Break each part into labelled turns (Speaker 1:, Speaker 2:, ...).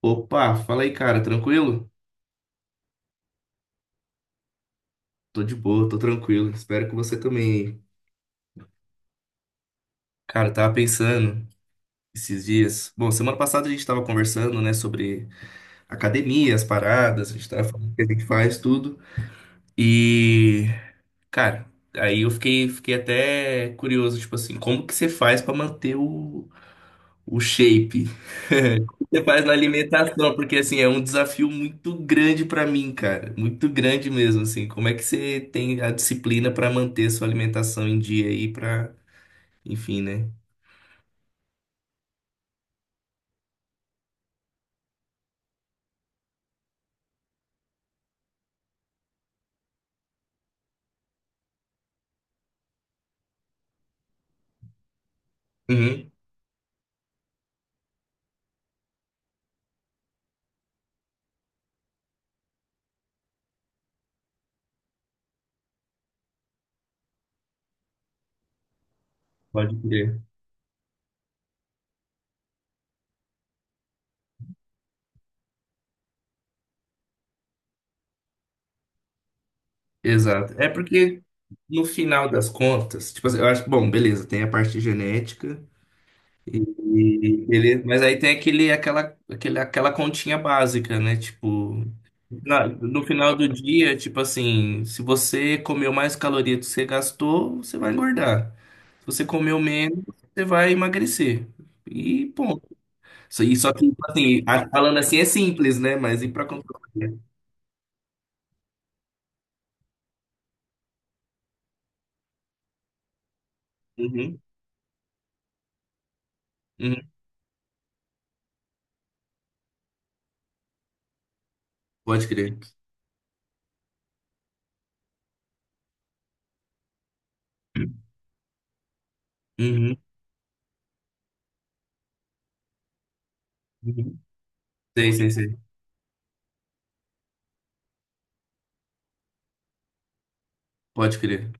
Speaker 1: Opa, fala aí, cara, tranquilo? Tô de boa, tô tranquilo. Espero que você também. Cara, eu tava pensando esses dias. Bom, semana passada a gente tava conversando, né, sobre academia, as paradas, a gente tava falando o que a gente faz, tudo. E, cara, aí eu fiquei até curioso, tipo assim, como que você faz pra manter o shape? Você faz na alimentação, porque assim, é um desafio muito grande pra mim, cara. Muito grande mesmo, assim. Como é que você tem a disciplina pra manter sua alimentação em dia aí pra, enfim, né? Uhum, pode crer. Exato. É porque no final das contas, tipo assim, eu acho, bom, beleza, tem a parte genética e e beleza, mas aí tem aquela continha básica, né? Tipo, no final do dia, tipo assim, se você comeu mais calorias do que você gastou, você vai engordar. Se você comeu menos, você vai emagrecer. E ponto. E só que, tipo assim, falando assim é simples, né? Mas e pra controlar. Uhum, uhum. Pode crer. Uhum, uhum. Sei, sei, sei. Pode crer.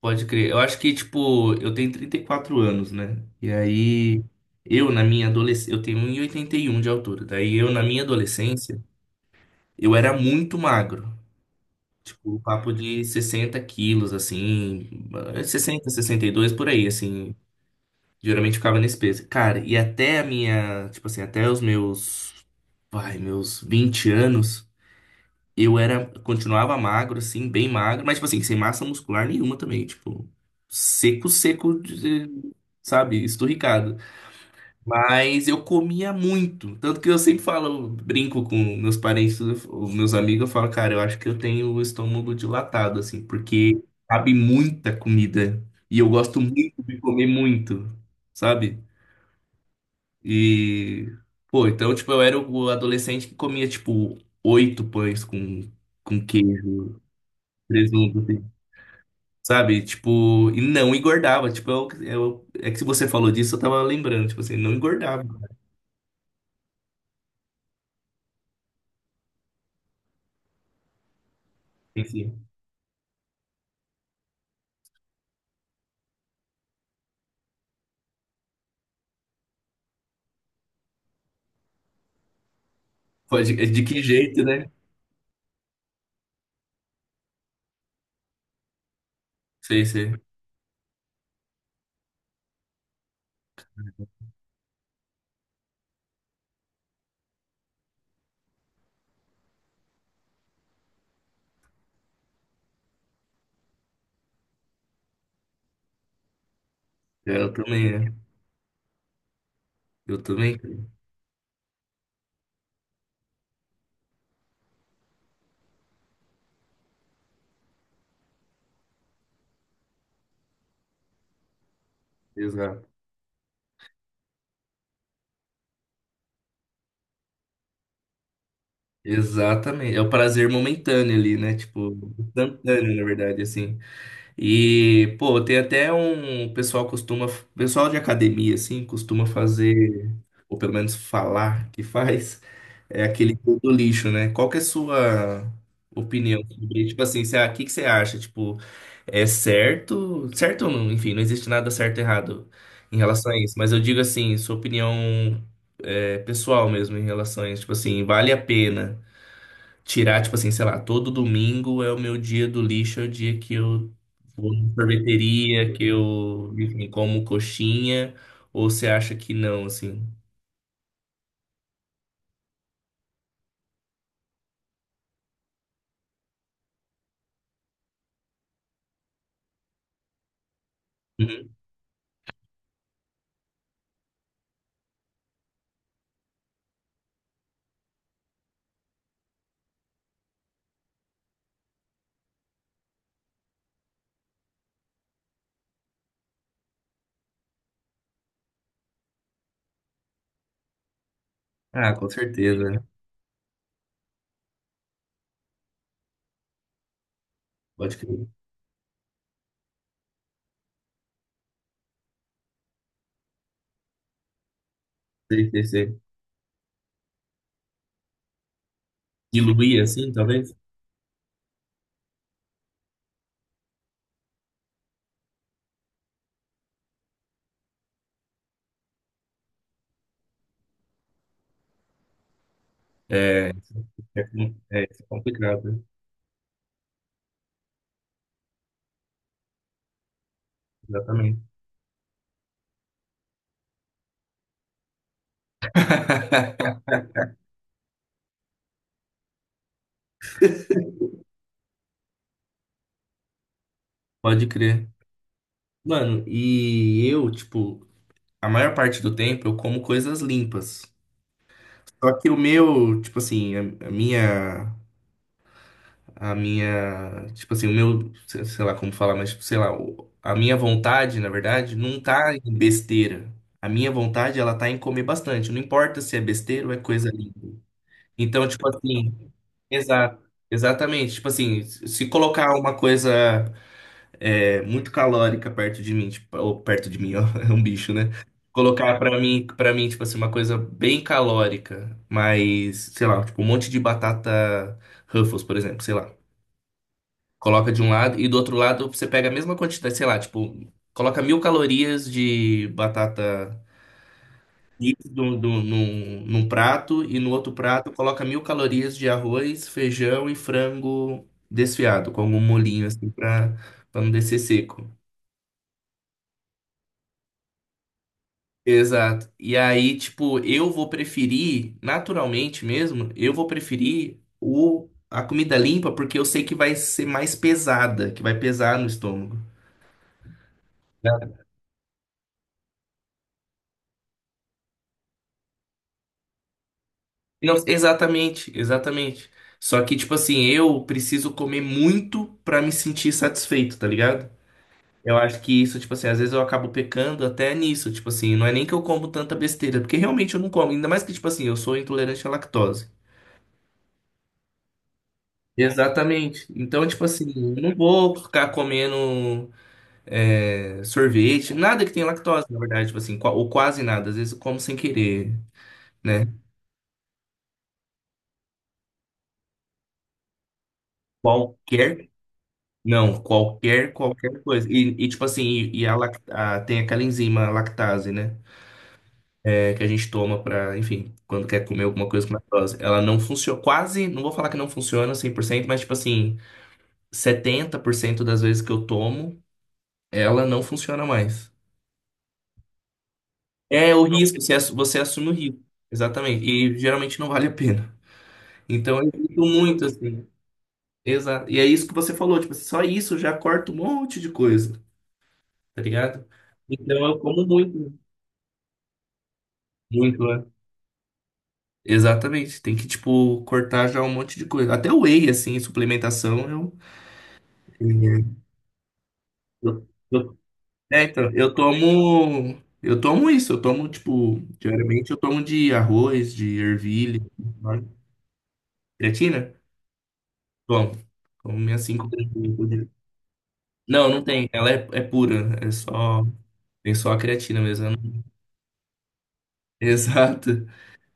Speaker 1: Pode crer. Eu acho que, tipo, eu tenho 34 anos, né? E aí, eu na minha adolescência, eu tenho 1,81 de altura. Daí eu na minha adolescência. Eu era muito magro. Tipo, o papo de 60 quilos, assim. É 60, 62 por aí, assim. Geralmente ficava nesse peso. Cara, e até a minha. Tipo assim, até os meus. Vai, meus 20 anos. Eu era. Continuava magro, assim, bem magro. Mas, tipo assim, sem massa muscular nenhuma também. Tipo, seco, seco, sabe? Esturricado, mas eu comia muito. Tanto que eu sempre falo, brinco com meus parentes, os meus amigos, eu falo, cara, eu acho que eu tenho o estômago dilatado, assim, porque cabe muita comida. E eu gosto muito de comer muito, sabe? E, pô, então, tipo, eu era o adolescente que comia, tipo, oito pães com queijo, presunto, assim, sabe? Tipo, e não engordava. Tipo, é que se você falou disso, eu tava lembrando, tipo assim, não engordava. Enfim. Pode, de que jeito, né? Sei, sei. É, eu também, né? Eu também. Exato. Exatamente. É o prazer momentâneo ali, né? Tipo, instantâneo, na verdade, assim. E, pô, tem até um. O pessoal costuma. O Pessoal de academia, assim, costuma fazer. Ou pelo menos falar que faz, é aquele cu do lixo, né? Qual que é a sua opinião sobre, tipo assim, o que que você acha? Tipo, é certo? Certo ou não? Enfim, não existe nada certo e errado em relação a isso. Mas eu digo assim, sua opinião é, pessoal mesmo em relação a isso. Tipo assim, vale a pena tirar, tipo assim, sei lá, todo domingo é o meu dia do lixo, é o dia que eu vou na sorveteria, que eu, enfim, como coxinha, ou você acha que não, assim? Uhum. Ah, com certeza, né? Pode crer. Sei, sei, sei. Diluir assim, talvez? É, é, isso é complicado, né? Exatamente. Pode crer. Mano, e eu, tipo, a maior parte do tempo eu como coisas limpas. Só que o meu, tipo assim, a minha. Tipo assim, o meu. Sei lá como falar, mas, tipo, sei lá. A minha vontade, na verdade, não tá em besteira. A minha vontade, ela tá em comer bastante. Não importa se é besteira ou é coisa limpa. Então, tipo assim. Exato, exatamente. Tipo assim, se colocar uma coisa muito calórica perto de mim, tipo, ou perto de mim, ó, é um bicho, né? Colocar para mim, tipo assim, uma coisa bem calórica, mas, sei lá, tipo um monte de batata Ruffles, por exemplo, sei lá. Coloca de um lado e do outro lado você pega a mesma quantidade, sei lá, tipo, coloca 1.000 calorias de batata isso num prato e no outro prato coloca 1.000 calorias de arroz, feijão e frango desfiado, com algum molhinho assim pra não descer seco. Exato. E aí, tipo, eu vou preferir, naturalmente mesmo, eu vou preferir a comida limpa porque eu sei que vai ser mais pesada, que vai pesar no estômago. Não, exatamente, exatamente. Só que, tipo assim, eu preciso comer muito pra me sentir satisfeito, tá ligado? Eu acho que isso, tipo assim, às vezes eu acabo pecando até nisso, tipo assim, não é nem que eu como tanta besteira, porque realmente eu não como, ainda mais que, tipo assim, eu sou intolerante à lactose. Exatamente. Então, tipo assim, eu não vou ficar comendo sorvete, nada que tenha lactose, na verdade, tipo assim, ou quase nada, às vezes eu como sem querer, né? Qualquer, não, qualquer coisa. E, tipo assim, e a, tem aquela enzima lactase, né? É, que a gente toma para, enfim, quando quer comer alguma coisa com lactose. Ela não funciona, quase, não vou falar que não funciona 100%, mas tipo assim, 70% das vezes que eu tomo, ela não funciona mais. É o risco, você você assume o risco. Exatamente. E geralmente não vale a pena. Então eu evito muito, assim. Exato. E é isso que você falou, tipo, só isso já corta um monte de coisa, tá ligado? Então eu como muito, muito, né? Exatamente. Tem que, tipo, cortar já um monte de coisa. Até o whey, assim, suplementação, eu. Eu- eu- É, então, eu tomo. Eu tomo isso, eu tomo, tipo, diariamente eu tomo de arroz, de ervilha, sabe? Creatina? Bom, como minhas 5 gramas por dia. Não, não tem. Ela é pura, é só. Tem só a creatina mesmo. Eu não- Exato.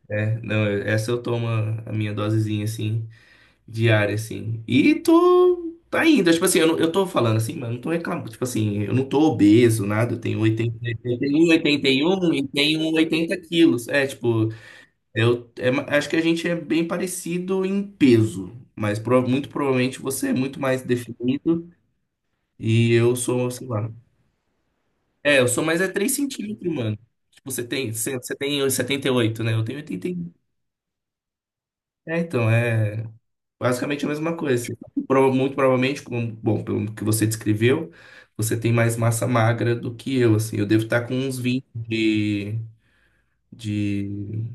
Speaker 1: É, não, essa eu tomo a minha dosezinha, assim, diária, assim. E tô, tá indo. Tipo assim, eu, eu tô falando assim, mas não tô reclamando. Tipo assim, eu não tô obeso, nada. Eu tenho 80, 81, oitenta e um, e tenho 1,80 quilos. É, tipo, eu acho que a gente é bem parecido em peso. Mas muito provavelmente você é muito mais definido e eu sou, sei lá. É, eu sou mais é 3 centímetros, mano. Tipo, Você tem 78, né? Eu tenho 81. É, então, é. Basicamente a mesma coisa. Você muito provavelmente, bom, pelo que você descreveu, você tem mais massa magra do que eu, assim. Eu devo estar com uns 20 de, de,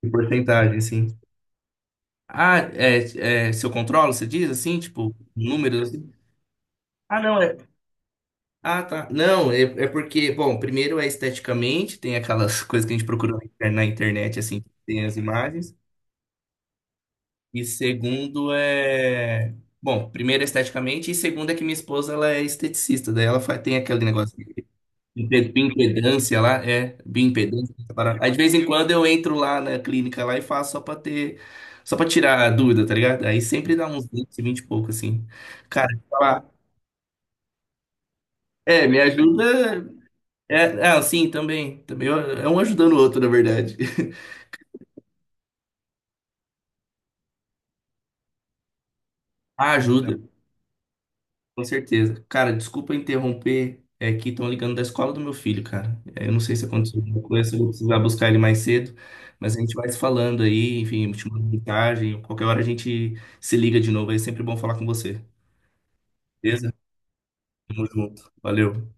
Speaker 1: de porcentagem, assim. Ah, é, se eu controlo, você diz assim, tipo, números assim? Ah, não, é. Ah, tá. Não, é porque, bom, primeiro é esteticamente, tem aquelas coisas que a gente procura na na internet, assim, tem as imagens. E segundo é. Bom, primeiro esteticamente, e segundo é que minha esposa ela é esteticista, daí ela faz, tem aquele negócio de impedância lá, é, bioimpedância. Essa parada. Aí de vez em quando eu entro lá na clínica lá e faço só pra tirar a dúvida, tá ligado? Aí sempre dá uns 20 20 e pouco, assim. Cara, falar, me ajuda. É, ah, sim, também. Também é um ajudando o outro, na verdade. Ah, ajuda, com certeza. Cara, desculpa interromper. É que estão ligando da escola do meu filho, cara. É, eu não sei se aconteceu alguma coisa, se eu vou precisar buscar ele mais cedo, mas a gente vai se falando aí, enfim, te mando mensagem. Qualquer hora a gente se liga de novo. É sempre bom falar com você. Beleza? Tamo junto. Valeu.